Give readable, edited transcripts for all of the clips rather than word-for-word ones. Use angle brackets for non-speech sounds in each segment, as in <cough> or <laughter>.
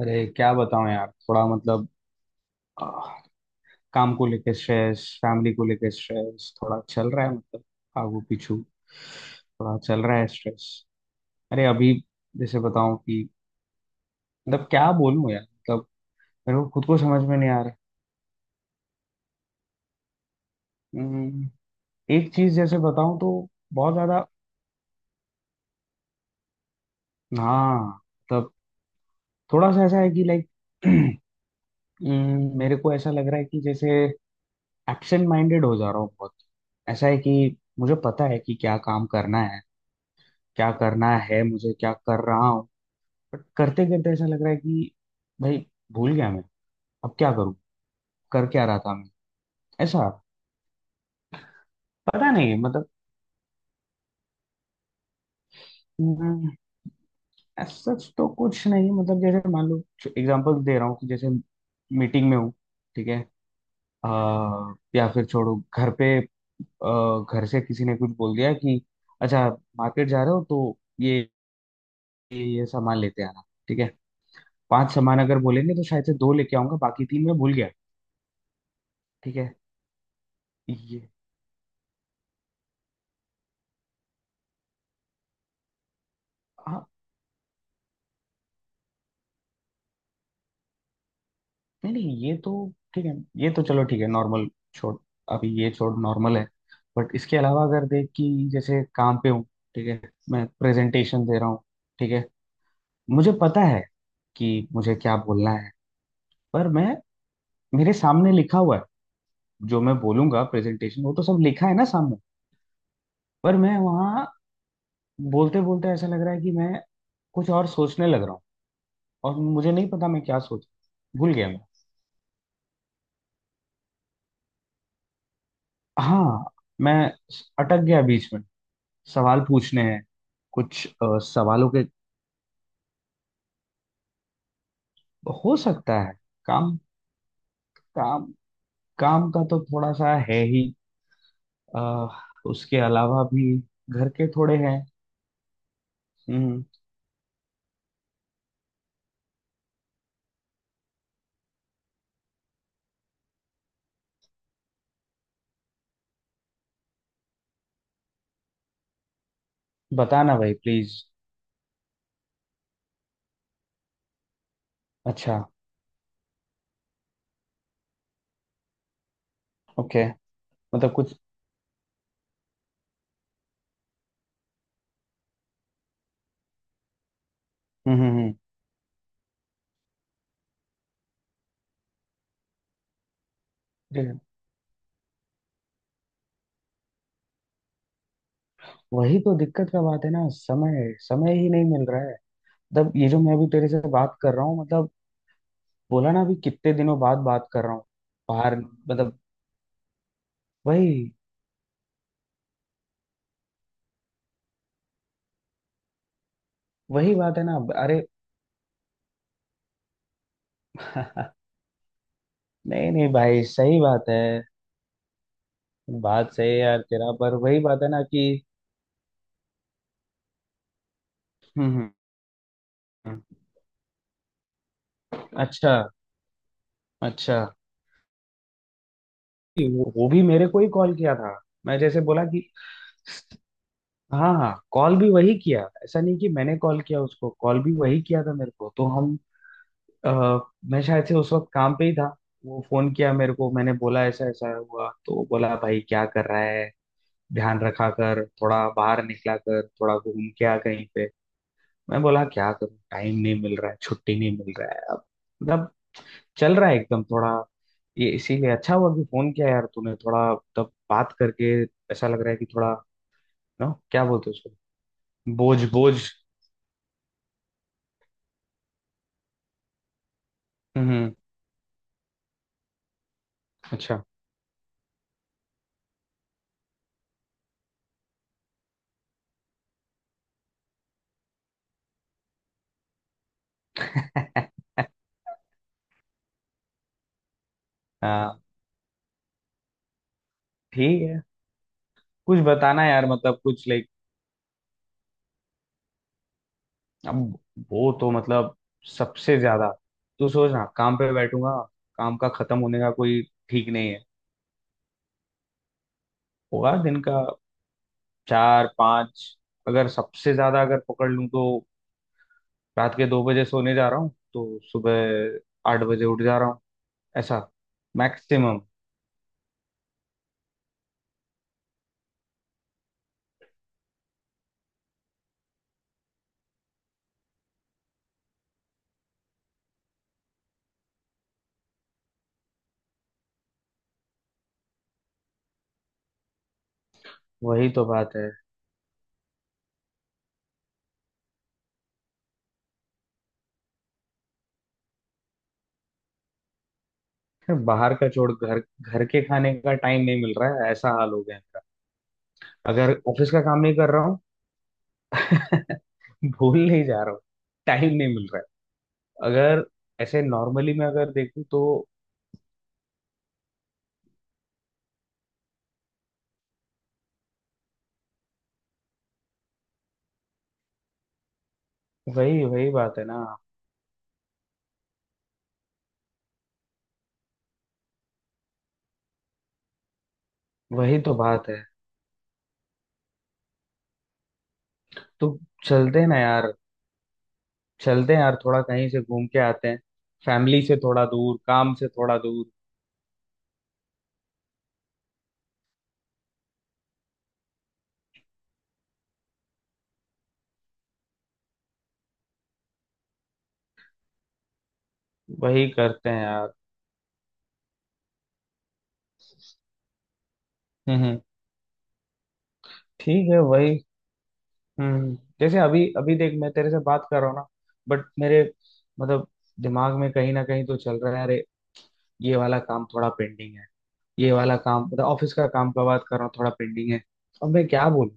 अरे क्या बताऊं यार थोड़ा मतलब आह, काम को लेके स्ट्रेस फैमिली को लेके स्ट्रेस थोड़ा चल रहा है मतलब आगू पीछू थोड़ा चल रहा है स्ट्रेस। अरे अभी जैसे बताऊं कि मतलब क्या बोलूं यार मतलब मेरे को खुद को समझ में नहीं आ रहा। हम्म, एक चीज जैसे बताऊं तो बहुत ज्यादा। हाँ मतलब थोड़ा सा ऐसा है कि लाइक <clears throat> मेरे को ऐसा लग रहा है कि जैसे एब्सेंट माइंडेड हो जा रहा हूँ बहुत। ऐसा है कि मुझे पता है कि क्या काम करना है क्या करना है मुझे क्या कर रहा हूँ बट करते करते ऐसा लग रहा है कि भाई भूल गया मैं अब क्या करूँ कर क्या रहा था मैं ऐसा। पता नहीं मतलब हम्म, ऐसा सच तो कुछ नहीं मतलब जैसे मान लो एग्जांपल दे रहा हूँ कि जैसे मीटिंग में हूँ ठीक है या फिर छोड़ो घर पे घर से किसी ने कुछ बोल दिया कि अच्छा मार्केट जा रहे हो तो ये ये सामान लेते आना ठीक है। 5 सामान अगर बोलेंगे तो शायद से 2 लेके आऊंगा बाकी 3 मैं भूल गया। ठीक है। ये हाँ, नहीं नहीं ये तो ठीक है ये तो चलो ठीक है नॉर्मल। छोड़ अभी ये छोड़ नॉर्मल है। बट इसके अलावा अगर देख कि जैसे काम पे हूँ ठीक है मैं प्रेजेंटेशन दे रहा हूँ ठीक है मुझे पता है कि मुझे क्या बोलना है पर मैं मेरे सामने लिखा हुआ है जो मैं बोलूंगा प्रेजेंटेशन वो तो सब लिखा है ना सामने। पर मैं वहाँ बोलते बोलते ऐसा लग रहा है कि मैं कुछ और सोचने लग रहा हूँ और मुझे नहीं पता मैं क्या सोच भूल गया मैं। हाँ मैं अटक गया बीच में सवाल पूछने हैं कुछ सवालों के। हो सकता है। काम काम काम का तो थोड़ा सा है ही अ, उसके अलावा भी घर के थोड़े हैं। हम्म। बताना भाई प्लीज। अच्छा। ओके। मतलब कुछ। हम्म हम्म हम्म, ठीक है। वही तो दिक्कत का बात है ना समय समय ही नहीं मिल रहा है। तब ये जो मैं अभी तेरे से बात कर रहा हूँ मतलब बोला ना अभी कितने दिनों बाद बात कर रहा हूँ बाहर मतलब वही वही बात है ना। अरे <laughs> नहीं नहीं भाई सही बात है। बात सही है यार तेरा पर वही बात है ना कि हम्म हम्म, हम्म। अच्छा अच्छा वो भी मेरे को ही कॉल किया था। मैं जैसे बोला कि हाँ हाँ कॉल भी वही किया ऐसा नहीं कि मैंने कॉल किया उसको कॉल भी वही किया था मेरे को तो हम अ, मैं शायद से उस वक्त काम पे ही था। वो फोन किया मेरे को मैंने बोला ऐसा ऐसा हुआ तो वो बोला भाई क्या कर रहा है ध्यान रखा कर थोड़ा बाहर निकला कर थोड़ा घूम के आ कहीं पे। मैं बोला क्या करूं टाइम नहीं मिल रहा है छुट्टी नहीं मिल रहा है अब मतलब चल रहा है एकदम थोड़ा। ये इसीलिए अच्छा हुआ कि फोन किया यार तूने थोड़ा तब बात करके ऐसा लग रहा है कि थोड़ा नो क्या बोलते हैं उसको बोझ बोझ। हम्म। अच्छा <laughs> हाँ। ठीक है कुछ बताना यार मतलब कुछ लाइक अब। वो तो मतलब सबसे ज्यादा तू सोच ना काम पे बैठूंगा काम का खत्म होने का कोई ठीक नहीं है। होगा दिन का 4 5 अगर सबसे ज्यादा अगर पकड़ लूं तो। रात के 2 बजे सोने जा रहा हूँ तो सुबह 8 बजे उठ जा रहा हूँ ऐसा मैक्सिमम। वही तो बात है। बाहर का छोड़ घर घर के खाने का टाइम नहीं मिल रहा है ऐसा हाल हो गया है मेरा। अगर ऑफिस का काम नहीं कर रहा हूँ <laughs> भूल नहीं जा रहा हूँ टाइम नहीं मिल रहा है अगर ऐसे नॉर्मली मैं अगर देखूँ तो। वही वही बात है ना। वही तो बात है। तो चलते हैं ना यार चलते हैं यार थोड़ा कहीं से घूम के आते हैं फैमिली से थोड़ा दूर काम से थोड़ा दूर वही करते हैं यार। हम्म हम्म, ठीक है वही। जैसे अभी अभी देख मैं तेरे से बात कर रहा हूँ ना बट मेरे मतलब दिमाग में कहीं ना कहीं तो चल रहा है अरे ये वाला काम थोड़ा पेंडिंग है ये वाला काम मतलब ऑफिस का काम का बात कर रहा हूँ थोड़ा पेंडिंग है। अब मैं क्या बोलूँ।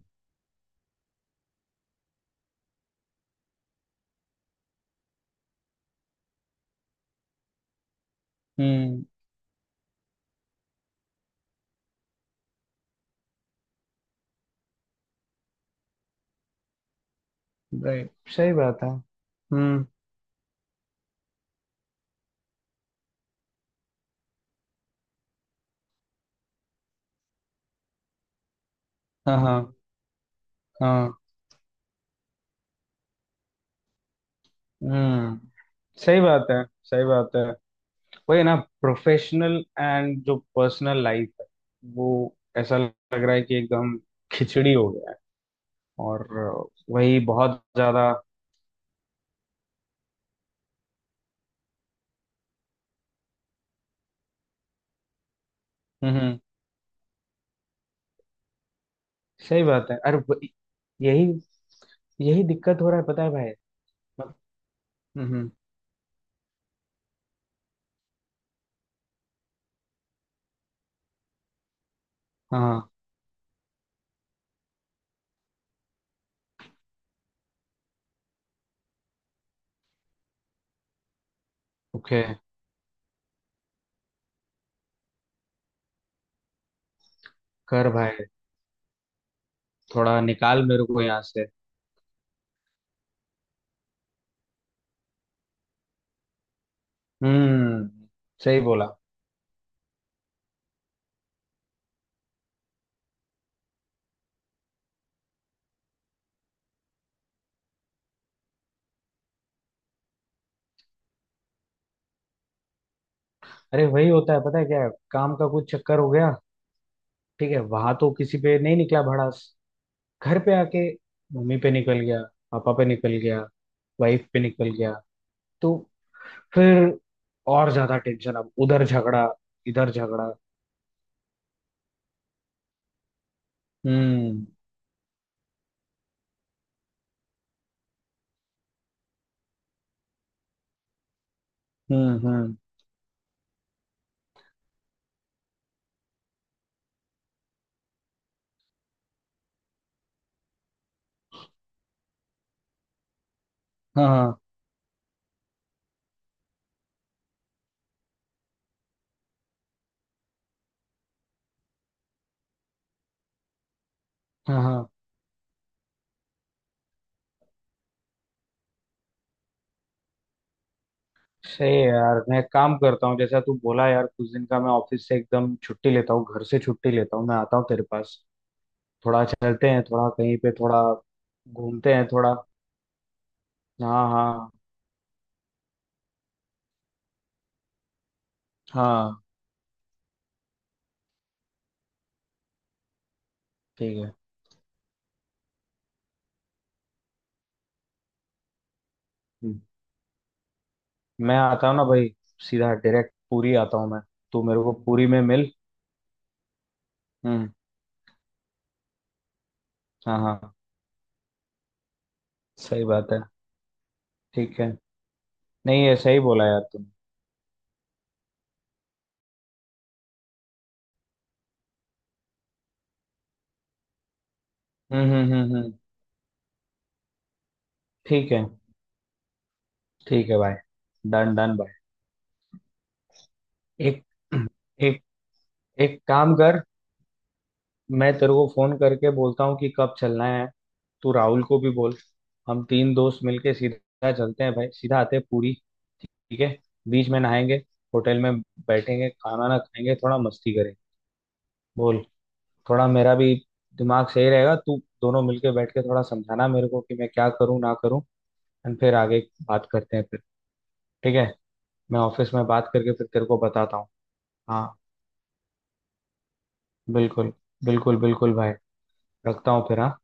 हम्म। राइट सही बात है हम्म। हाँ हाँ हाँ। हम्म सही बात है सही बात है। वही ना प्रोफेशनल एंड जो पर्सनल लाइफ है वो ऐसा लग रहा है कि एकदम खिचड़ी हो गया है और वही बहुत ज्यादा। हम्म हम्म, सही बात है अरे वही- यही यही दिक्कत हो रहा है पता है भाई। मत- हम्म हम्म, हाँ। ओके कर भाई थोड़ा निकाल मेरे को यहाँ से। हम्म सही बोला। अरे वही होता है पता है क्या है? काम का कुछ चक्कर हो गया ठीक है वहां तो किसी पे नहीं निकला भड़ास घर पे आके मम्मी पे निकल गया पापा पे निकल गया वाइफ पे निकल गया तो फिर और ज्यादा टेंशन अब उधर झगड़ा इधर झगड़ा। हम्म हम्म। हाँ हाँ हाँ हाँ। सही है यार मैं काम करता हूँ जैसा तू बोला यार कुछ दिन का मैं ऑफिस से एकदम छुट्टी लेता हूँ घर से छुट्टी लेता हूँ मैं आता हूँ तेरे पास थोड़ा चलते हैं थोड़ा कहीं पे थोड़ा घूमते हैं थोड़ा हाँ हाँ हाँ। ठीक है। हम्म। मैं आता हूँ ना भाई सीधा डायरेक्ट पूरी आता हूँ मैं तू मेरे को पूरी में मिल। हम्म हाँ हाँ सही बात है ठीक है नहीं ये सही बोला यार तूने हम्म। ठीक है ठीक है भाई डन डन भाई। एक एक एक काम कर मैं तेरे को फोन करके बोलता हूँ कि कब चलना है तू राहुल को भी बोल हम 3 दोस्त मिलके सीधा चलते हैं भाई सीधा आते हैं पूरी ठीक है बीच में नहाएंगे होटल में बैठेंगे खाना ना खाएंगे थोड़ा मस्ती करेंगे बोल थोड़ा मेरा भी दिमाग सही रहेगा तू दोनों मिलके बैठ के थोड़ा समझाना मेरे को कि मैं क्या करूँ ना करूँ एंड फिर आगे बात करते हैं फिर ठीक है मैं ऑफिस में बात करके फिर तेरे को बताता हूँ हाँ बिल्कुल बिल्कुल बिल्कुल भाई रखता हूँ फिर हाँ।